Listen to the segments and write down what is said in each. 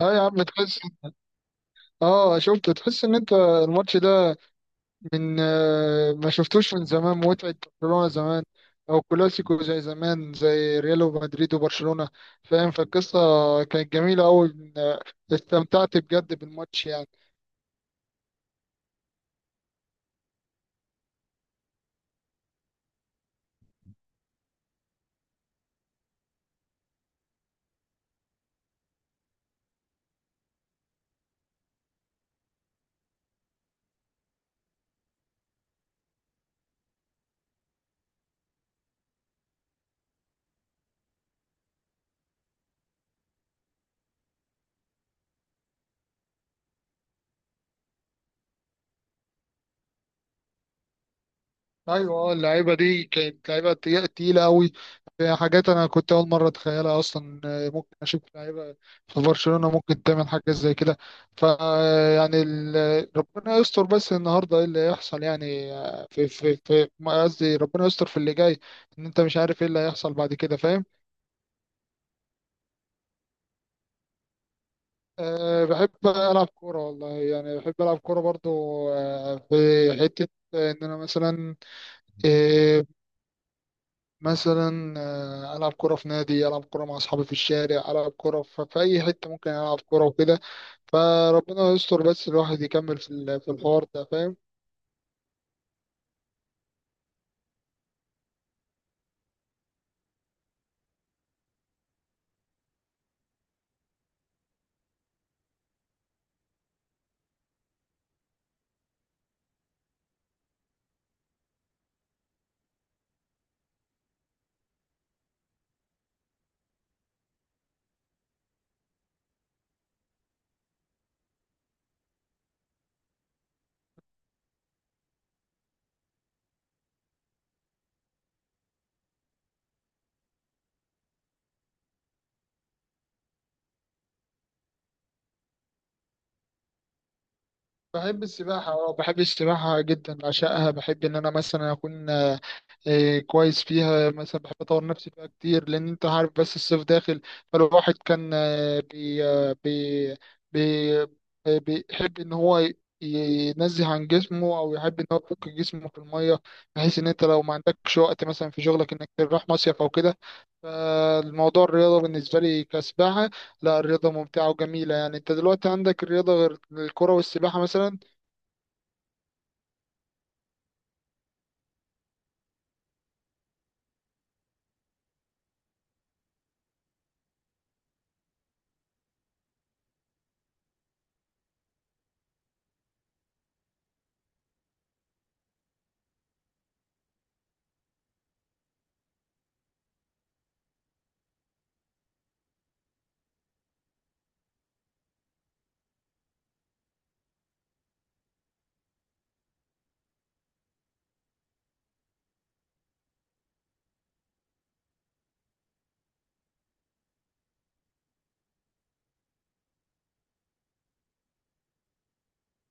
اه يا عم، تحس. اه شفت؟ تحس ان انت الماتش ده من ما شفتوش من زمان متعة. برشلونة زمان، او كلاسيكو زي زمان زي ريال ومدريد وبرشلونة، فاهم؟ فالقصة كانت جميلة اوي، استمتعت بجد بالماتش يعني. ايوه، اللعيبه دي كانت لعيبه تقيله قوي. في حاجات انا كنت اول مره اتخيلها اصلا، ممكن اشوف لعيبه في برشلونه ممكن تعمل حاجه زي كده. ف آه، يعني ربنا يستر، بس النهارده ايه اللي هيحصل؟ يعني آه، في في في ما قصدي ربنا يستر في اللي جاي، ان انت مش عارف ايه اللي هيحصل بعد كده، فاهم؟ أه، بحب العب كوره والله، يعني بحب العب كوره برضو. أه، في حته ان انا مثلا آه، مثلا العب كوره في نادي، العب كوره مع اصحابي في الشارع، العب كوره في اي حته ممكن العب كوره وكده. فربنا يستر بس الواحد يكمل في في الحوار ده، فاهم؟ بحب السباحة، اه بحب السباحة جدا، بعشقها. بحب ان انا مثلا اكون كويس فيها، مثلا بحب اطور نفسي فيها كتير لان انت عارف بس الصيف داخل. فالواحد كان آه، بي آه، بي بي آه، بيحب ان هو ينزه عن جسمه او يحب ان هو يفك جسمه في المية، بحيث ان انت لو ما عندكش وقت مثلا في شغلك انك تروح مصيف او كده. فالموضوع الرياضة بالنسبة لي كسباحة. لا، الرياضة ممتعة وجميلة يعني. انت دلوقتي عندك الرياضة غير الكرة والسباحة مثلا؟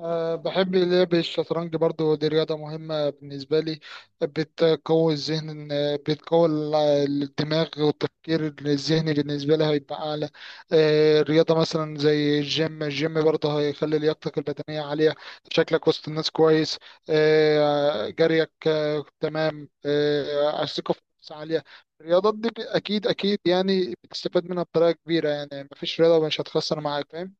أه، بحب لعب الشطرنج برضو، دي رياضة مهمة بالنسبة لي، بتقوي الذهن، بتقوي الدماغ والتفكير الذهني بالنسبة لي هيبقى أعلى. أه رياضة مثلا زي الجيم، الجيم برضه هيخلي لياقتك البدنية عالية، شكلك وسط الناس كويس. أه جريك، أه تمام، أه الثقة في النفس عالية. الرياضات دي أكيد أكيد يعني بتستفاد منها بطريقة كبيرة. يعني مفيش رياضة مش هتخسر معاك، فاهم؟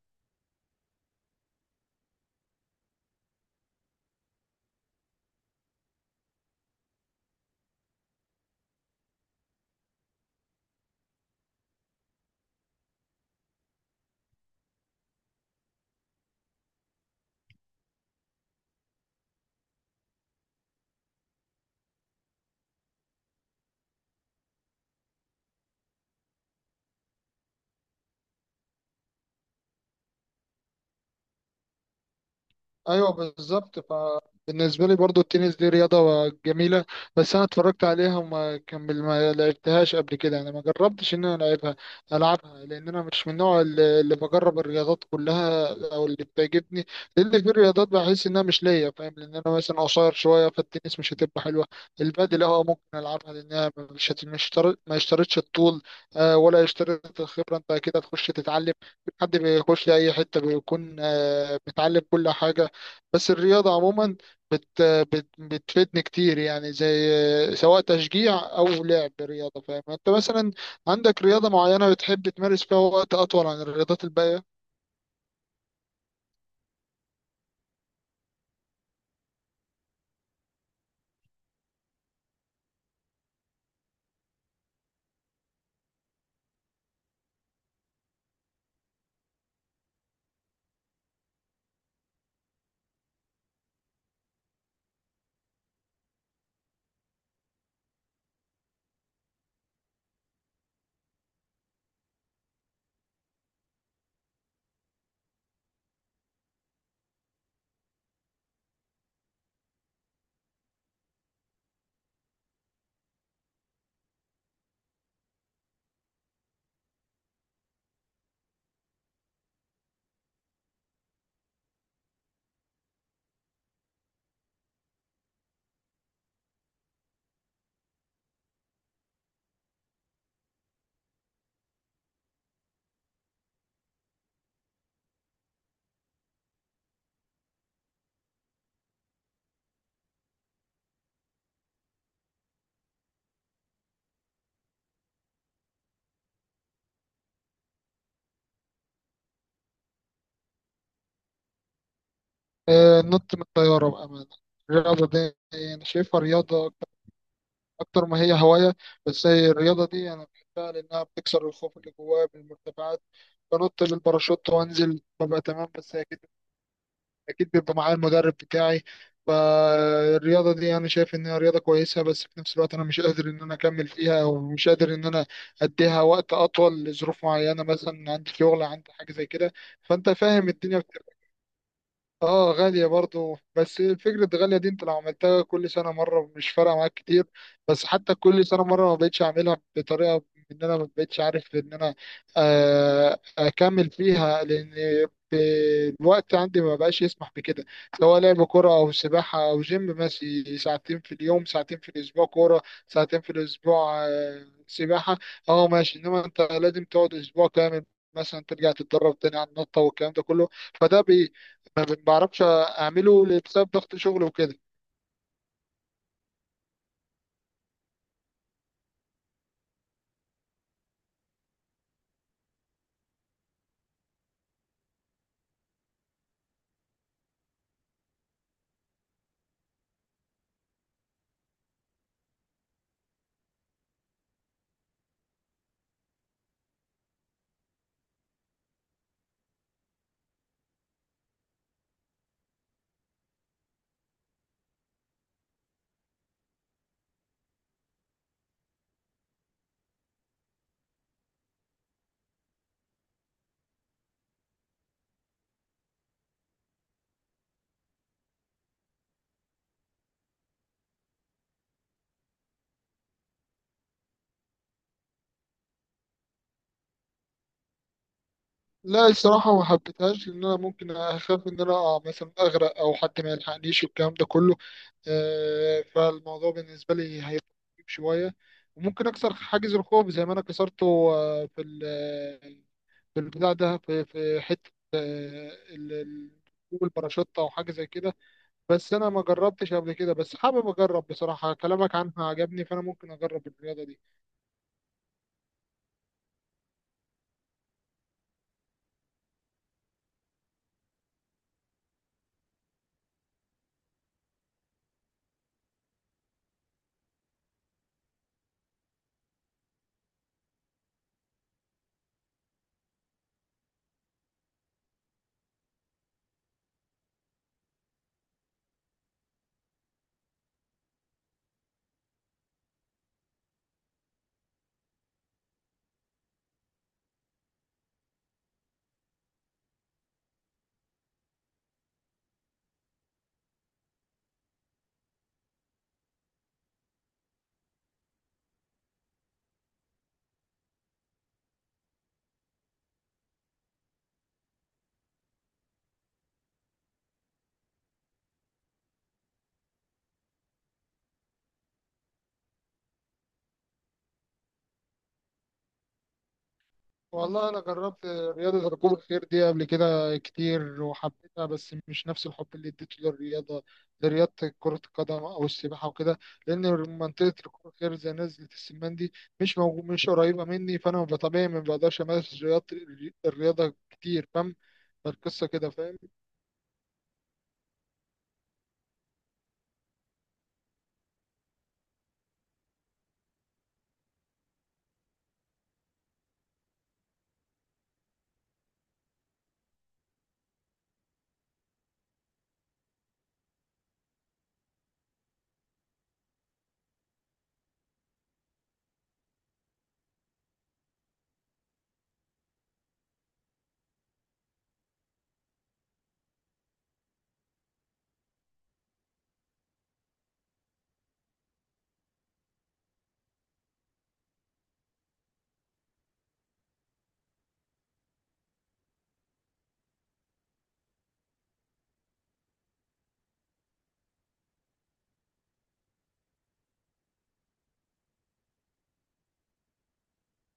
ايوه بالظبط. فبالنسبه لي برضو التنس دي رياضه جميله، بس انا اتفرجت عليها وما كمل، ما لعبتهاش قبل كده يعني. ما جربتش ان انا العبها، لان انا مش من النوع اللي بجرب الرياضات كلها او اللي بتعجبني، لان في الرياضات بحس انها مش ليا، فاهم؟ لان انا مثلا قصير شويه فالتنس مش هتبقى حلوه. البادل اه ممكن العبها لانها مش تر- ما اشترطش الطول ولا اشترط الخبره، انت كده تخش تتعلم. حد بيخش اي حته بيكون متعلم كل حاجه. بس الرياضة عموما بت بت بتفيدني كتير، يعني زي سواء تشجيع أو لعب رياضة، فاهم؟ أنت مثلا عندك رياضة معينة بتحب تمارس فيها وقت أطول عن الرياضات الباقية؟ النط من الطيارة بأمانة. الرياضة دي أنا شايفها رياضة أكتر ما هي هواية، بس هي الرياضة دي أنا بحبها لأنها بتكسر الخوف اللي جوايا من المرتفعات. بنط بالباراشوت وأنزل، ببقى تمام، بس هي أكيد اكيد بيبقى معايا المدرب بتاعي. فالرياضه دي انا شايف انها رياضه كويسه، بس في نفس الوقت انا مش قادر ان انا اكمل فيها، ومش قادر ان انا اديها وقت اطول لظروف معينه، مثلا عندي شغل، عندي حاجه زي كده، فانت فاهم الدنيا. اه غالية برضو، بس فكرة غالية دي انت لو عملتها كل سنة مرة مش فارقة معاك كتير. بس حتى كل سنة مرة ما بقتش اعملها بطريقة، ان انا ما بقتش عارف ان انا اكمل فيها، لان ب- الوقت عندي ما بقاش يسمح بكده. سواء لعب كرة او سباحة او جيم، ماشي، ساعتين في اليوم، ساعتين في الاسبوع كرة، ساعتين في الاسبوع سباحة، اه ماشي. انما انت لازم تقعد اسبوع كامل مثلا ترجع تتدرب تاني على النطة والكلام ده كله، فده ما بعرفش اعمله بسبب ضغط شغل وكده. لا الصراحه ما حبيتهاش، لان انا ممكن اخاف ان انا أقع مثلا، اغرق او حد ما يلحقنيش والكلام ده كله. فالموضوع بالنسبه لي هيبقى مخيف شويه. وممكن اكسر حاجز الخوف زي ما انا كسرته آه، في ال- في البتاع ده، في حته جوجل باراشوت او حاجه زي كده. بس انا ما جربتش قبل كده، بس حابب اجرب بصراحه، كلامك عنها عجبني فانا ممكن اجرب الرياضه دي. والله انا جربت رياضه ركوب الخيل دي قبل كده كتير وحبيتها، بس مش نفس الحب اللي اديته لرياضه كره القدم او السباحه وكده، لان منطقه ركوب الخيل زي نزله السمان دي مش موجود، مش قريبه مني، فانا طبيعي ما بقدرش امارس الرياضه كتير، فاهم؟ فالقصه كده، فاهم؟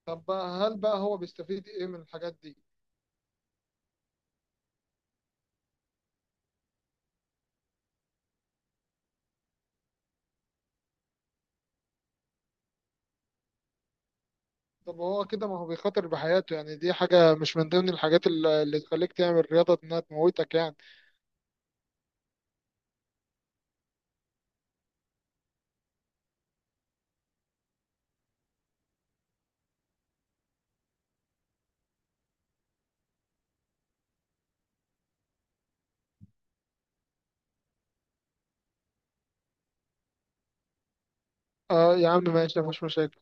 طب بقى، هل بقى هو بيستفيد ايه من الحاجات دي؟ طب هو كده ما هو بيخاطر بحياته يعني، دي حاجه مش من ضمن الحاجات اللي تخليك تعمل رياضه، انها تموتك يعني. آه يا عم ماشي، مفيش مشاكل.